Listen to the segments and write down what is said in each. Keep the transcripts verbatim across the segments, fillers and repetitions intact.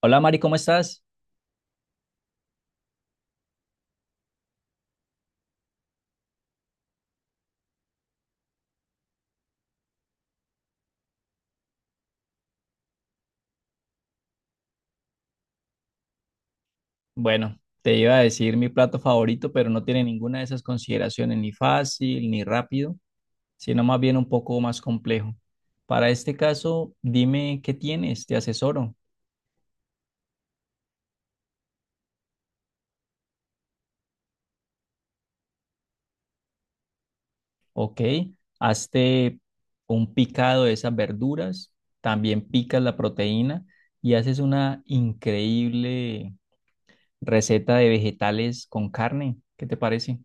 Hola Mari, ¿cómo estás? Bueno, te iba a decir mi plato favorito, pero no tiene ninguna de esas consideraciones, ni fácil, ni rápido, sino más bien un poco más complejo. Para este caso, dime qué tienes, te asesoro, ¿ok? Hazte un picado de esas verduras, también picas la proteína y haces una increíble receta de vegetales con carne. ¿Qué te parece?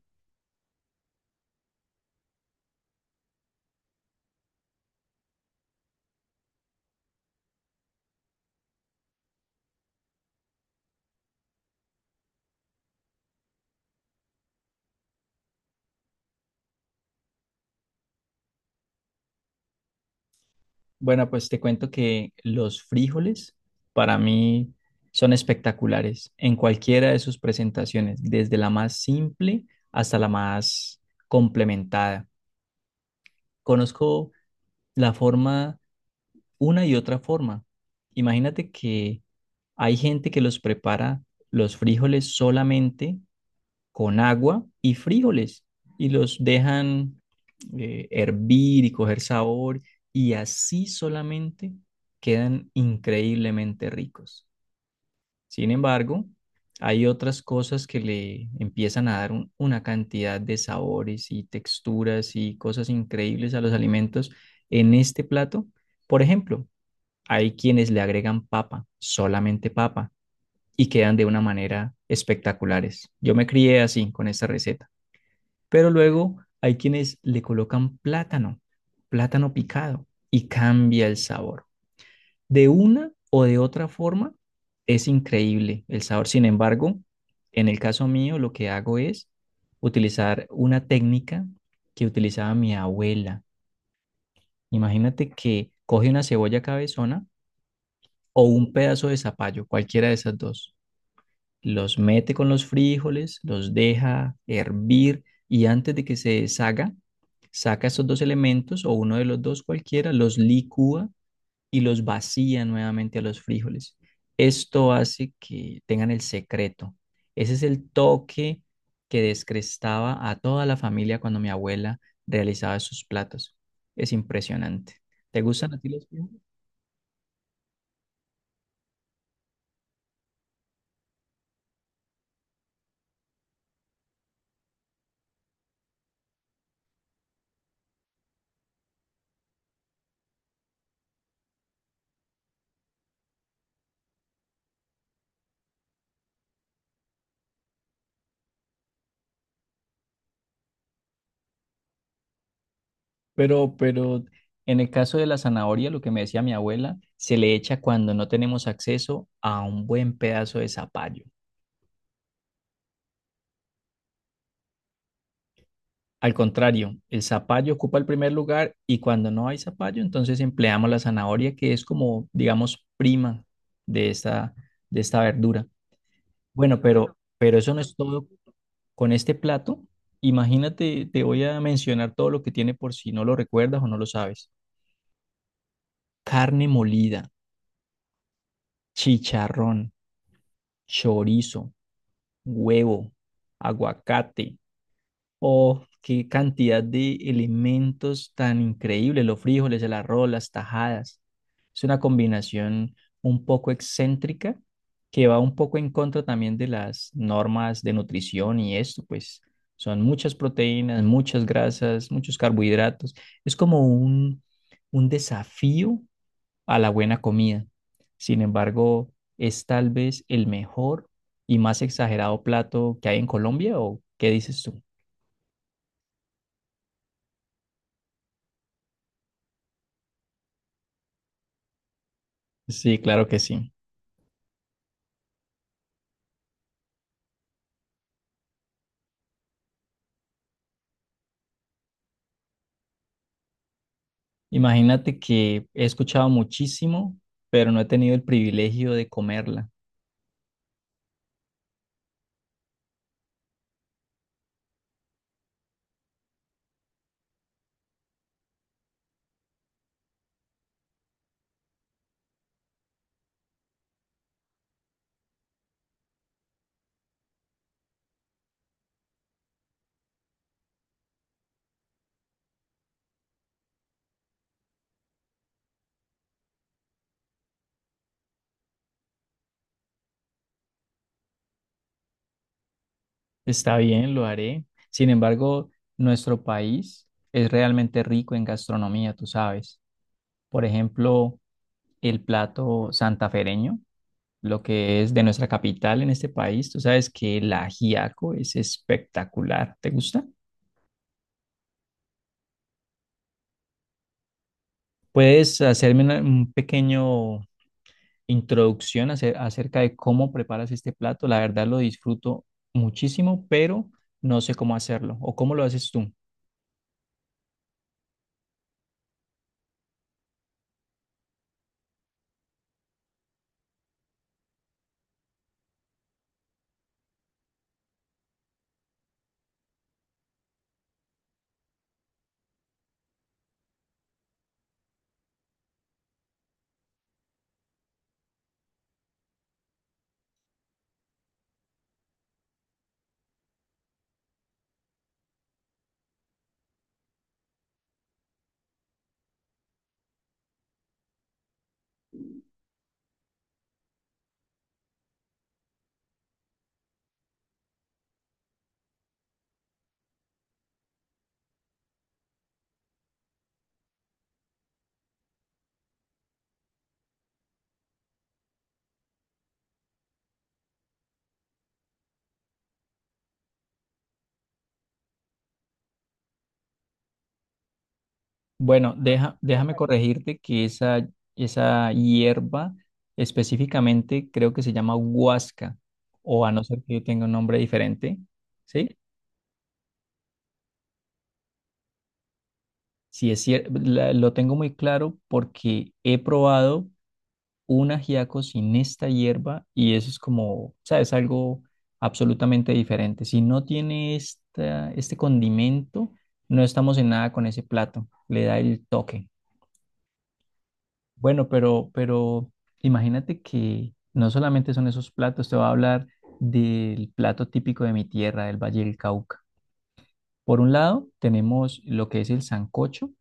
Bueno, pues te cuento que los frijoles para mí son espectaculares en cualquiera de sus presentaciones, desde la más simple hasta la más complementada. Conozco la forma, una y otra forma. Imagínate que hay gente que los prepara los frijoles solamente con agua y frijoles y los dejan eh, hervir y coger sabor y así solamente quedan increíblemente ricos. Sin embargo, hay otras cosas que le empiezan a dar un- una cantidad de sabores y texturas y cosas increíbles a los alimentos en este plato. Por ejemplo, hay quienes le agregan papa, solamente papa, y quedan de una manera espectaculares. Yo me crié así con esta receta. Pero luego hay quienes le colocan plátano, plátano picado, y cambia el sabor. De una o de otra forma, es increíble el sabor. Sin embargo, en el caso mío, lo que hago es utilizar una técnica que utilizaba mi abuela. Imagínate que coge una cebolla cabezona o un pedazo de zapallo, cualquiera de esas dos. Los mete con los frijoles, los deja hervir y antes de que se deshaga, saca esos dos elementos o uno de los dos cualquiera, los licúa y los vacía nuevamente a los frijoles. Esto hace que tengan el secreto. Ese es el toque que descrestaba a toda la familia cuando mi abuela realizaba sus platos. Es impresionante. ¿Te gustan a ti los frijoles? Pero, pero en el caso de la zanahoria, lo que me decía mi abuela, se le echa cuando no tenemos acceso a un buen pedazo de zapallo. Al contrario, el zapallo ocupa el primer lugar y cuando no hay zapallo, entonces empleamos la zanahoria, que es como, digamos, prima de esta, de esta verdura. Bueno, pero, pero eso no es todo con este plato. Imagínate, te voy a mencionar todo lo que tiene por si no lo recuerdas o no lo sabes. Carne molida, chicharrón, chorizo, huevo, aguacate. Oh, qué cantidad de elementos tan increíbles, los frijoles, el arroz, las tajadas. Es una combinación un poco excéntrica que va un poco en contra también de las normas de nutrición y esto, pues son muchas proteínas, muchas grasas, muchos carbohidratos. Es como un, un desafío a la buena comida. Sin embargo, es tal vez el mejor y más exagerado plato que hay en Colombia, ¿o qué dices tú? Sí, claro que sí. Imagínate que he escuchado muchísimo, pero no he tenido el privilegio de comerla. Está bien, lo haré. Sin embargo, nuestro país es realmente rico en gastronomía, tú sabes. Por ejemplo, el plato santafereño lo que es de nuestra capital en este país. Tú sabes que la ajiaco es espectacular. ¿Te gusta? ¿Puedes hacerme una, un pequeño introducción ace- acerca de cómo preparas este plato? La verdad lo disfruto muchísimo, pero no sé cómo hacerlo o cómo lo haces tú. Bueno, deja, déjame bueno, corregirte que esa, esa hierba específicamente creo que se llama huasca, o a no ser que tenga un nombre diferente, ¿sí? Sí, es cierto, lo tengo muy claro porque he probado un ajiaco sin esta hierba y eso es como, ¿sabes? Algo absolutamente diferente. Si no tiene esta, este condimento, no estamos en nada con ese plato, le da el toque. Bueno, pero, pero imagínate que no solamente son esos platos, te voy a hablar del plato típico de mi tierra, del Valle del Cauca. Por un lado, tenemos lo que es el sancocho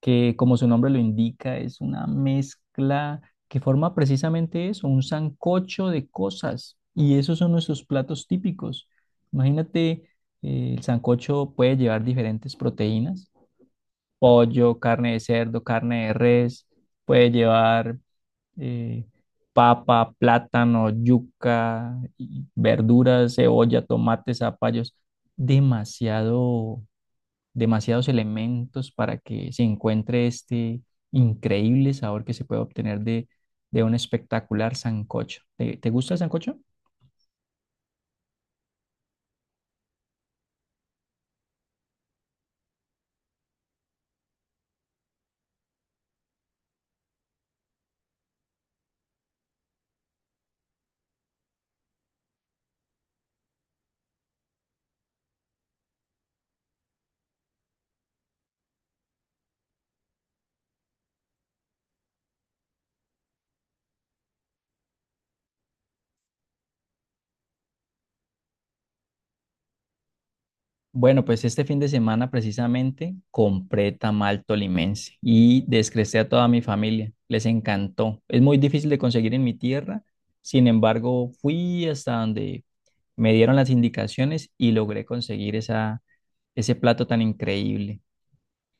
que como su nombre lo indica, es una mezcla que forma precisamente eso, un sancocho de cosas. Y esos son nuestros platos típicos. Imagínate, eh, el sancocho puede llevar diferentes proteínas, pollo, carne de cerdo, carne de res, puede llevar eh, papa, plátano, yuca, y verduras, cebolla, tomates, zapallos. Demasiado Demasiados elementos para que se encuentre este increíble sabor que se puede obtener de, de un espectacular sancocho. ¿Te, te gusta el sancocho? Bueno, pues este fin de semana precisamente compré tamal tolimense y descresté a toda mi familia. Les encantó. Es muy difícil de conseguir en mi tierra. Sin embargo, fui hasta donde me dieron las indicaciones y logré conseguir esa, ese plato tan increíble.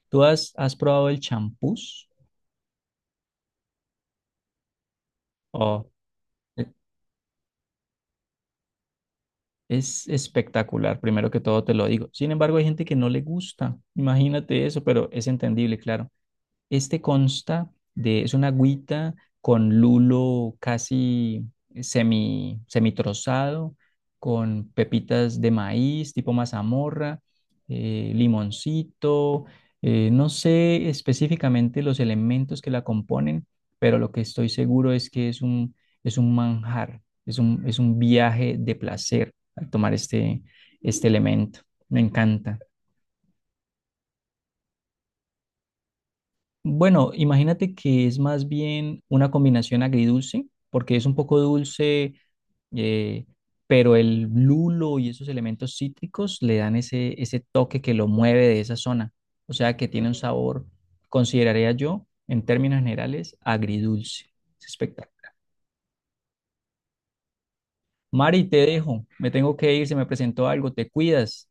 ¿Tú has, has probado el champús? Oh, es espectacular, primero que todo te lo digo. Sin embargo, hay gente que no le gusta, imagínate eso, pero es entendible, claro. Este consta de, es una agüita con lulo casi semi, semitrozado, con pepitas de maíz tipo mazamorra, eh, limoncito, eh, no sé específicamente los elementos que la componen, pero lo que estoy seguro es que es un, es un manjar, es un, es un viaje de placer al tomar este, este elemento. Me encanta. Bueno, imagínate que es más bien una combinación agridulce, porque es un poco dulce, eh, pero el lulo y esos elementos cítricos le dan ese, ese toque que lo mueve de esa zona. O sea que tiene un sabor, consideraría yo, en términos generales, agridulce. Es espectacular. Mari, te dejo, me tengo que ir, se me presentó algo, te cuidas.